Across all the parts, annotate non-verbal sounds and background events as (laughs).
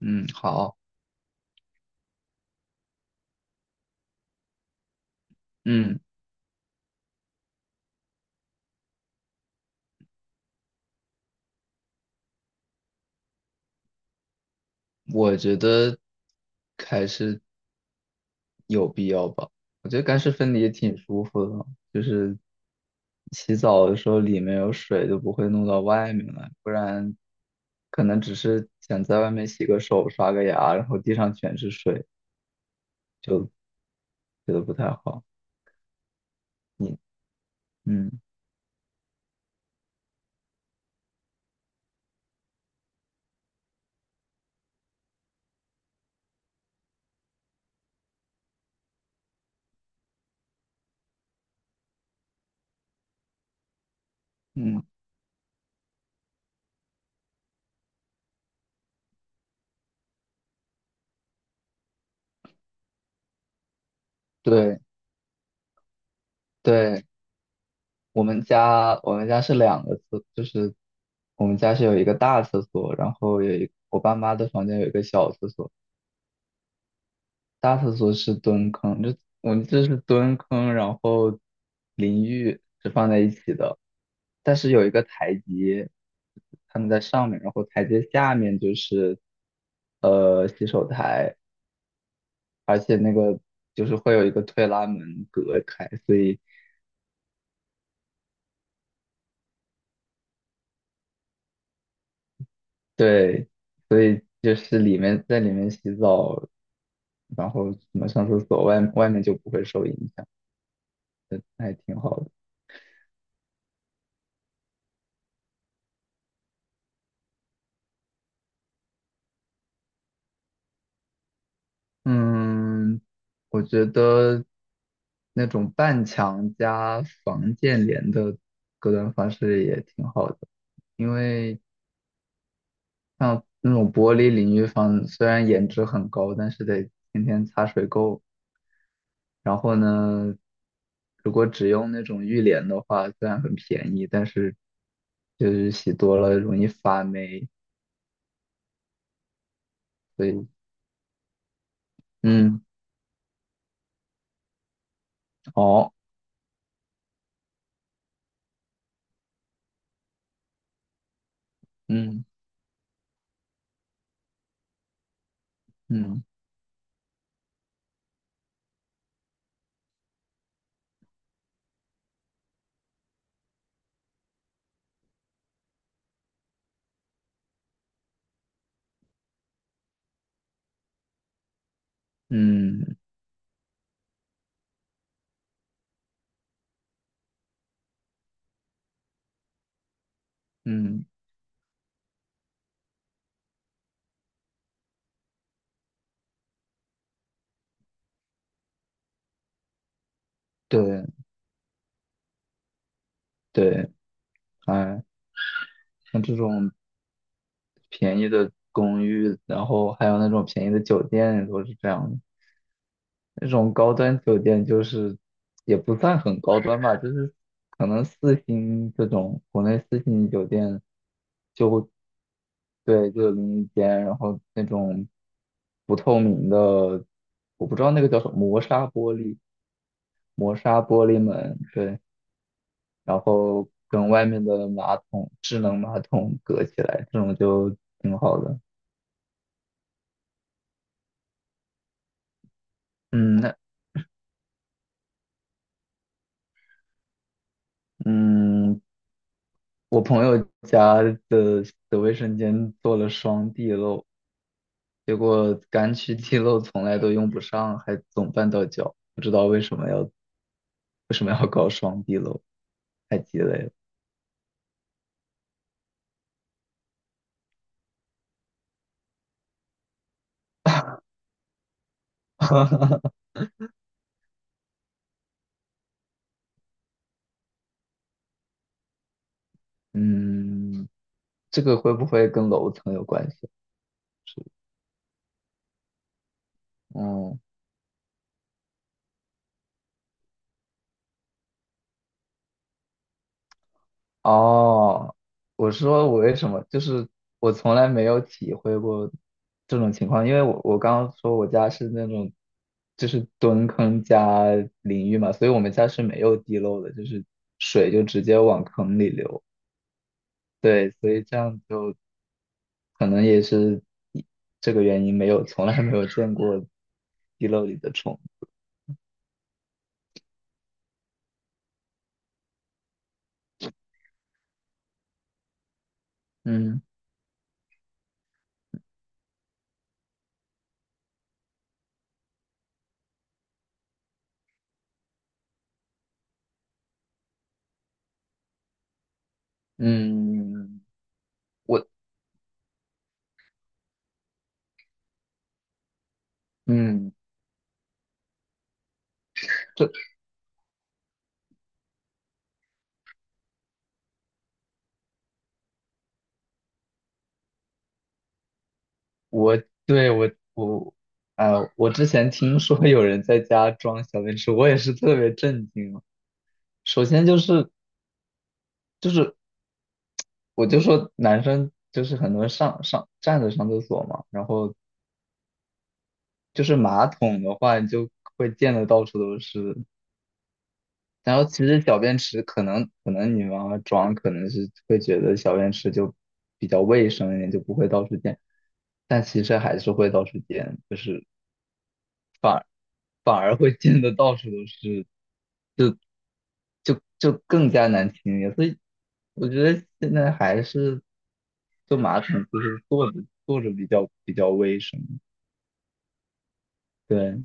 嗯，好，嗯，我觉得还是有必要吧。我觉得干湿分离也挺舒服的，就是洗澡的时候里面有水就不会弄到外面来，不然可能只是想在外面洗个手、刷个牙，然后地上全是水，就觉得不太好。你，嗯嗯，对对，我们家是两个厕，就是我们家是有一个大厕所，然后有我爸妈的房间有一个小厕所。大厕所是蹲坑，我们这是蹲坑，然后淋浴是放在一起的，但是有一个台阶，他们在上面，然后台阶下面就是洗手台，而且那个就是会有一个推拉门隔开，所以对，所以就是在里面洗澡，然后什么上厕所，外面就不会受影响，还挺好的。嗯，我觉得那种半墙加防溅帘的隔断方式也挺好的，因为像那种玻璃淋浴房，虽然颜值很高，但是得天天擦水垢。然后呢，如果只用那种浴帘的话，虽然很便宜，但是就是洗多了容易发霉。所以，嗯，哦，嗯嗯嗯嗯，对对，哎。像这种便宜的公寓，然后还有那种便宜的酒店都是这样的。那种高端酒店就是也不算很高端吧，就是可能四星这种国内四星酒店就会对，就有淋浴间，然后那种不透明的，我不知道那个叫什么，磨砂玻璃，磨砂玻璃门，对，然后跟外面的马桶，智能马桶隔起来，这种就挺好的。嗯，那嗯，我朋友家的的卫生间做了双地漏，结果干区地漏从来都用不上，还总绊到脚，不知道为什么要搞双地漏，太鸡肋了。(laughs) 嗯，这个会不会跟楼层有关系？是，嗯，哦，我说我为什么，就是从来没有体会过这种情况，因为我刚刚说我家是那种就是蹲坑加淋浴嘛，所以我们家是没有地漏的，就是水就直接往坑里流。对，所以这样就可能也是一这个原因，没有从来没有见过地漏里的虫。嗯嗯，嗯我嗯。这。我对我呃，我之前听说有人在家装小便池，我也是特别震惊啊首先就是就是我就说男生就是很多人上站着上厕所嘛，然后就是马桶的话你就会溅得到处都是。然后其实小便池可能可能你妈妈装可能是会觉得小便池就比较卫生一点，就不会到处溅，但其实还是会到处溅，就是反而会溅得到处都是。就更加难听一点。所以我觉得现在还是坐马桶就是坐着坐着比较卫生。对，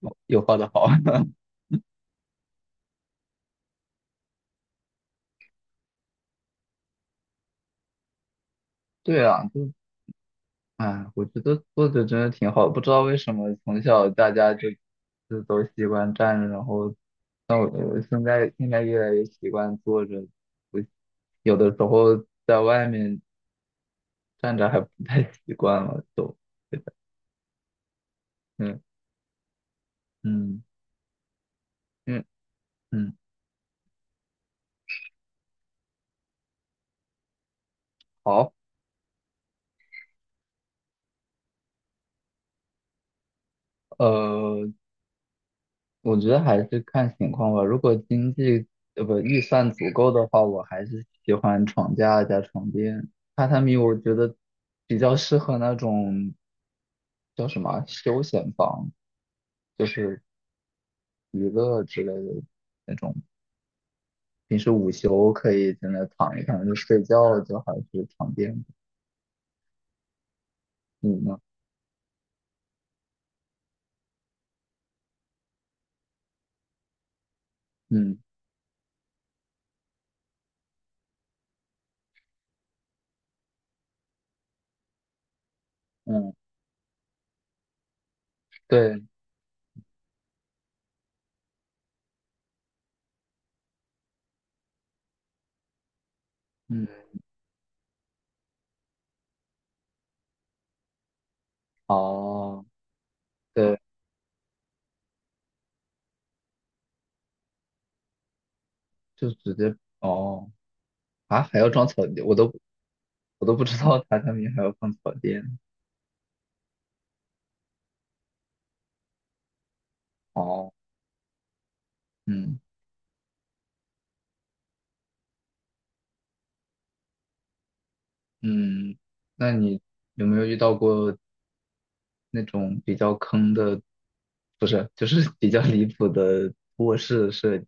哦有画的好。(laughs) 对啊，就哎，我觉得坐着真的挺好的不知道为什么从小大家就都习惯站着，然后那我现在越来越习惯坐着，我有的时候在外面站着还不太习惯了，都对的，嗯嗯嗯嗯，好。呃，我觉得还是看情况吧。如果经济呃不预算足够的话，我还是喜欢床架加床垫。榻榻米我觉得比较适合那种叫什么啊休闲房，就是娱乐之类的那种。平时午休可以在那躺一躺，就睡觉就还是床垫。你呢？嗯嗯，对，嗯，哦，对，就直接哦啊，还要装草地，我都不知道榻榻米还要放草垫。哦，嗯嗯，那你有没有遇到过那种比较坑的，不是，就是 (laughs) 比较离谱的卧室设计？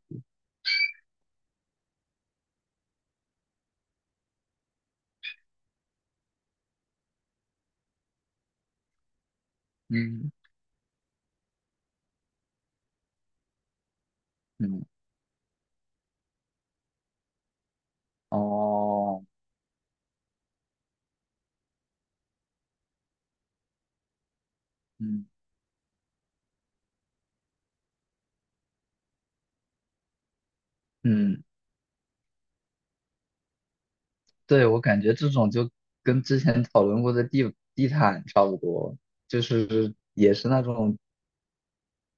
嗯嗯，哦，嗯嗯，对，我感觉这种就跟之前讨论过的地毯差不多，就是也是那种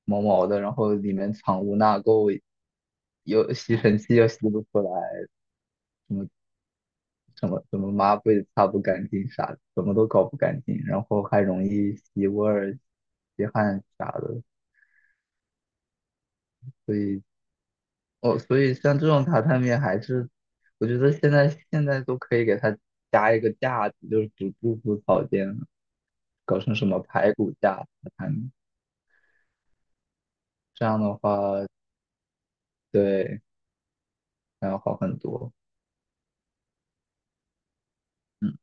毛毛的，然后里面藏污纳垢，又吸尘器又吸不出来。什么怎么抹布也擦不干净啥的，怎么都搞不干净，然后还容易吸味儿、吸汗啥的，所以哦，所以像这种榻榻米还是，我觉得现在都可以给它加一个架子，就是只不铺草垫，搞成什么排骨架榻榻米，这样的话对，那要好很多。嗯。